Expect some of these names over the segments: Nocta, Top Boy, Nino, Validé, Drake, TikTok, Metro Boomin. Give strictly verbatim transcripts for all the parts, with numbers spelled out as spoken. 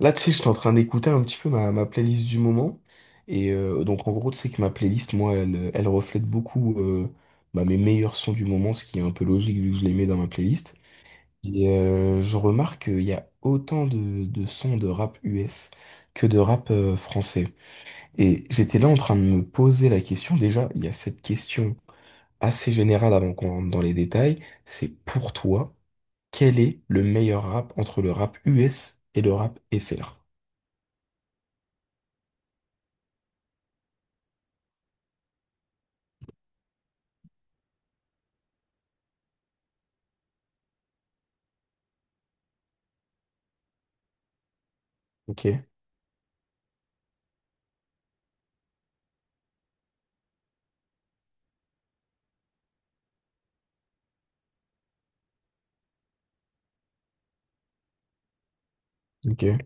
Là, tu sais, j'étais en train d'écouter un petit peu ma, ma playlist du moment. Et euh, donc, en gros, tu sais que ma playlist, moi, elle, elle reflète beaucoup euh, bah, mes meilleurs sons du moment, ce qui est un peu logique vu que je les mets dans ma playlist. Et euh, je remarque qu'il y a autant de, de sons de rap U S que de rap euh, français. Et j'étais là en train de me poser la question. Déjà, il y a cette question assez générale avant qu'on rentre dans les détails. C'est pour toi, quel est le meilleur rap entre le rap U S et le rap F R? Ok. Ok.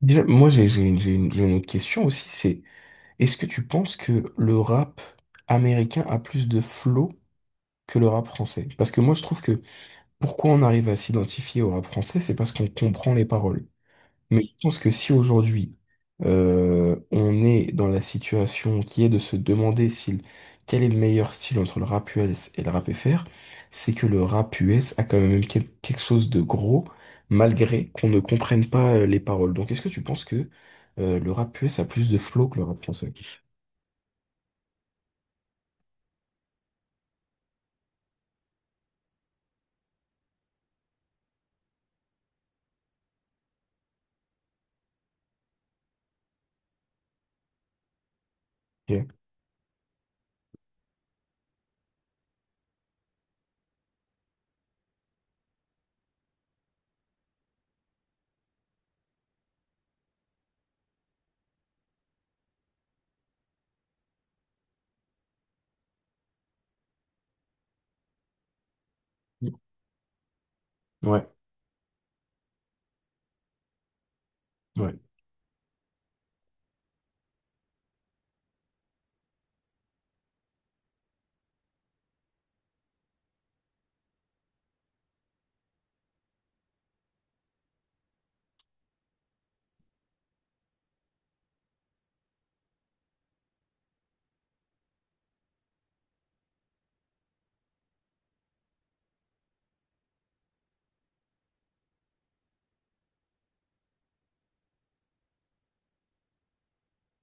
Déjà, moi, j'ai j'ai une, j'ai une- j'ai une autre question aussi, c'est est-ce que tu penses que le rap américain a plus de flow que le rap français? Parce que moi, je trouve que pourquoi on arrive à s'identifier au rap français, c'est parce qu'on comprend les paroles. Mais je pense que si aujourd'hui euh, on est dans la situation qui est de se demander s'il- quel est le meilleur style entre le rap U S et le rap F R, c'est que le rap U S a quand même quel- quelque chose de gros, malgré qu'on ne comprenne pas euh, les paroles. Donc est-ce que tu penses que euh, le rap U S a plus de flow que le rap français? Ok. Ouais, ouais,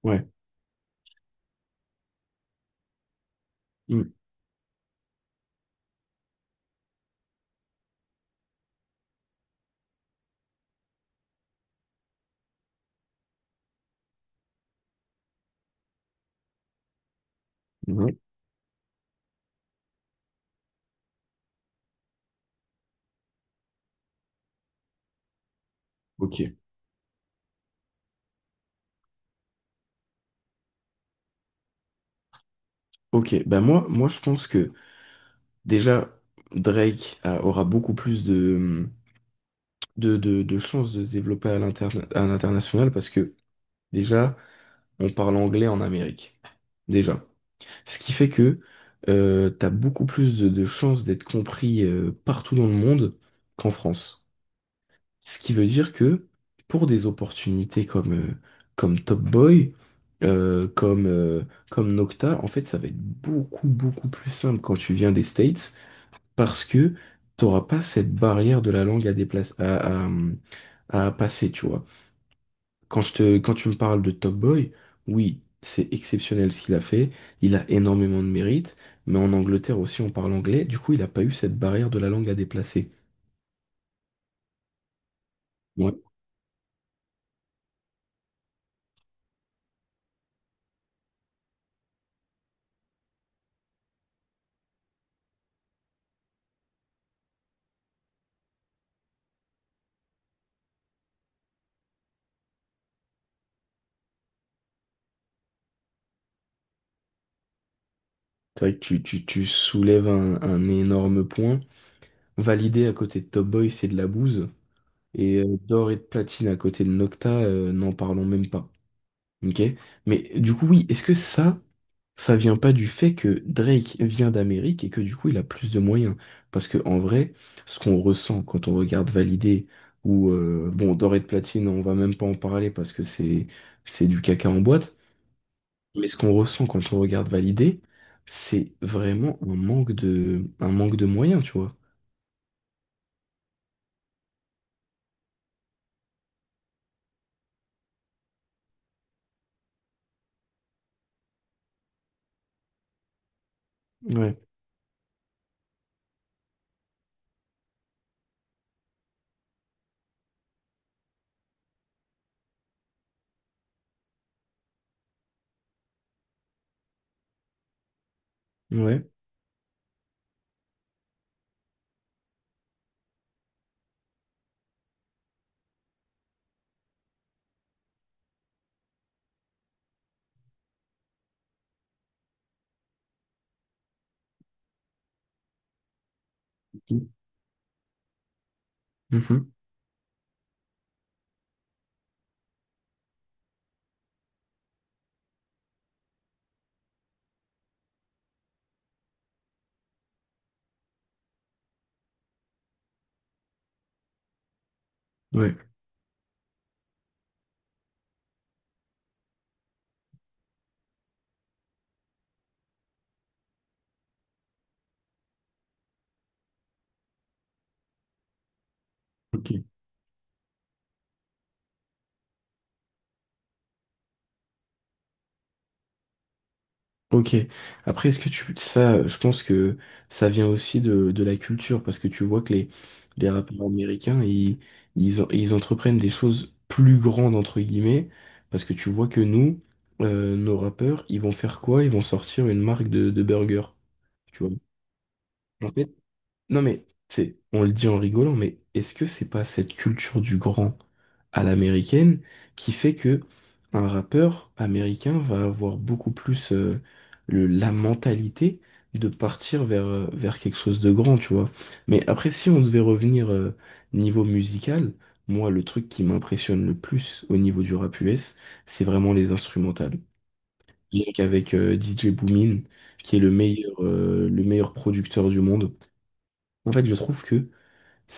ouais. Mm. Ouais. Ok, ok. Ben moi, moi, je pense que déjà Drake a- aura beaucoup plus de de, de, de chances de se développer à l'interna- à l'international parce que déjà, on parle anglais en Amérique. Déjà. Ce qui fait que euh, t'as beaucoup plus de, de chances d'être compris euh, partout dans le monde qu'en France. Ce qui veut dire que pour des opportunités comme, euh, comme Top Boy, euh, comme, euh, comme Nocta, en fait, ça va être beaucoup, beaucoup plus simple quand tu viens des States parce que t'auras pas cette barrière de la langue à déplacer, à, à à passer, tu vois. Quand je te, quand tu me parles de Top Boy, oui, c'est exceptionnel ce qu'il a fait. Il a énormément de mérite, mais en Angleterre aussi, on parle anglais. Du coup, il n'a pas eu cette barrière de la langue à déplacer. Ouais. C'est vrai que tu, tu, tu soulèves un, un énorme point. Validé à côté de Top Boy, c'est de la bouse. Et euh, d'or et de platine à côté de Nocta, euh, n'en parlons même pas. Ok? Mais du coup, oui, est-ce que ça, ça vient pas du fait que Drake vient d'Amérique et que du coup il a plus de moyens. Parce que en vrai, ce qu'on ressent quand on regarde Validé ou euh, bon Doré de Platine, on va même pas en parler parce que c'est c'est du caca en boîte. Mais ce qu'on ressent quand on regarde Validé, c'est vraiment un manque de un manque de moyens, tu vois. Ouais, ouais. Mhm. Ouais. Ok. Ok. Après, est-ce que tu ça, je pense que ça vient aussi de, de la culture parce que tu vois que les les rappeurs américains ils ils en- ils entreprennent des choses plus grandes entre guillemets parce que tu vois que nous euh, nos rappeurs ils vont faire quoi? Ils vont sortir une marque de de burger. Tu vois. Non mais, c'est, on le dit en rigolant, mais est-ce que c'est pas cette culture du grand à l'américaine qui fait que un rappeur américain va avoir beaucoup plus euh, le, la mentalité de partir vers, euh, vers quelque chose de grand, tu vois. Mais après, si on devait revenir euh, niveau musical, moi, le truc qui m'impressionne le plus au niveau du rap U S, c'est vraiment les instrumentales. Rien qu'avec euh, D J Boomin, qui est le meilleur, euh, le meilleur producteur du monde. En fait, je trouve que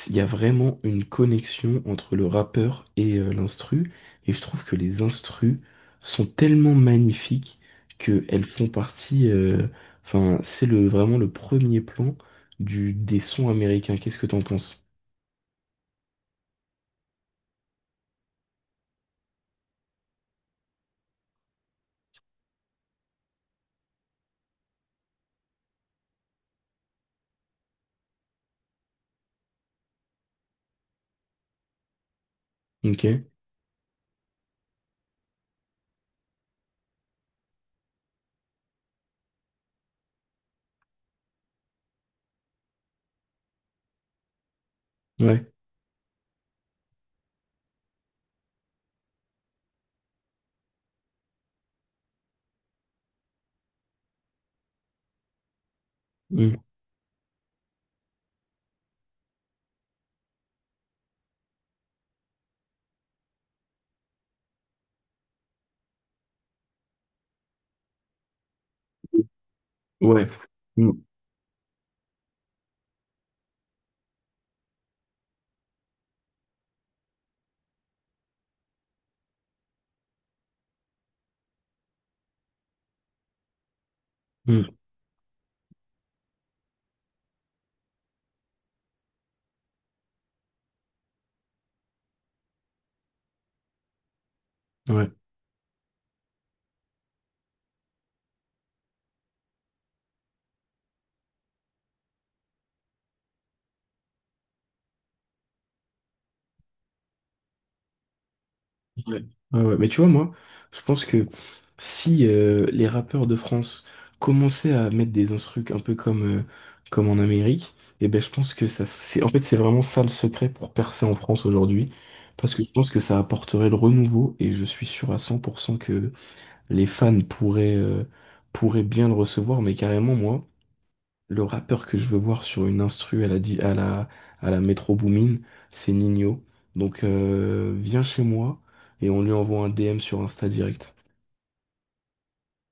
il y a vraiment une connexion entre le rappeur et euh, l'instru, et je trouve que les instrus sont tellement magnifiques que elles font partie, euh, Enfin, c'est le vraiment le premier plan du des sons américains. Qu'est-ce que t'en penses? Ok, ouais. Mm. Ouais. Mm. Mm. Ouais. Ouais. Ouais, ouais. Mais tu vois, moi, je pense que si euh, les rappeurs de France commençaient à mettre des instrus un peu comme, euh, comme en Amérique, et ben je pense que ça, c'est, en fait, c'est vraiment ça le secret pour percer en France aujourd'hui. Parce que je pense que ça apporterait le renouveau et je suis sûr à cent pour cent que les fans pourraient, euh, pourraient bien le recevoir. Mais carrément, moi, le rappeur que je veux voir sur une instru à la, di- à la, à la Metro Boomin, c'est Nino. Donc euh, viens chez moi et on lui envoie un D M sur Insta direct.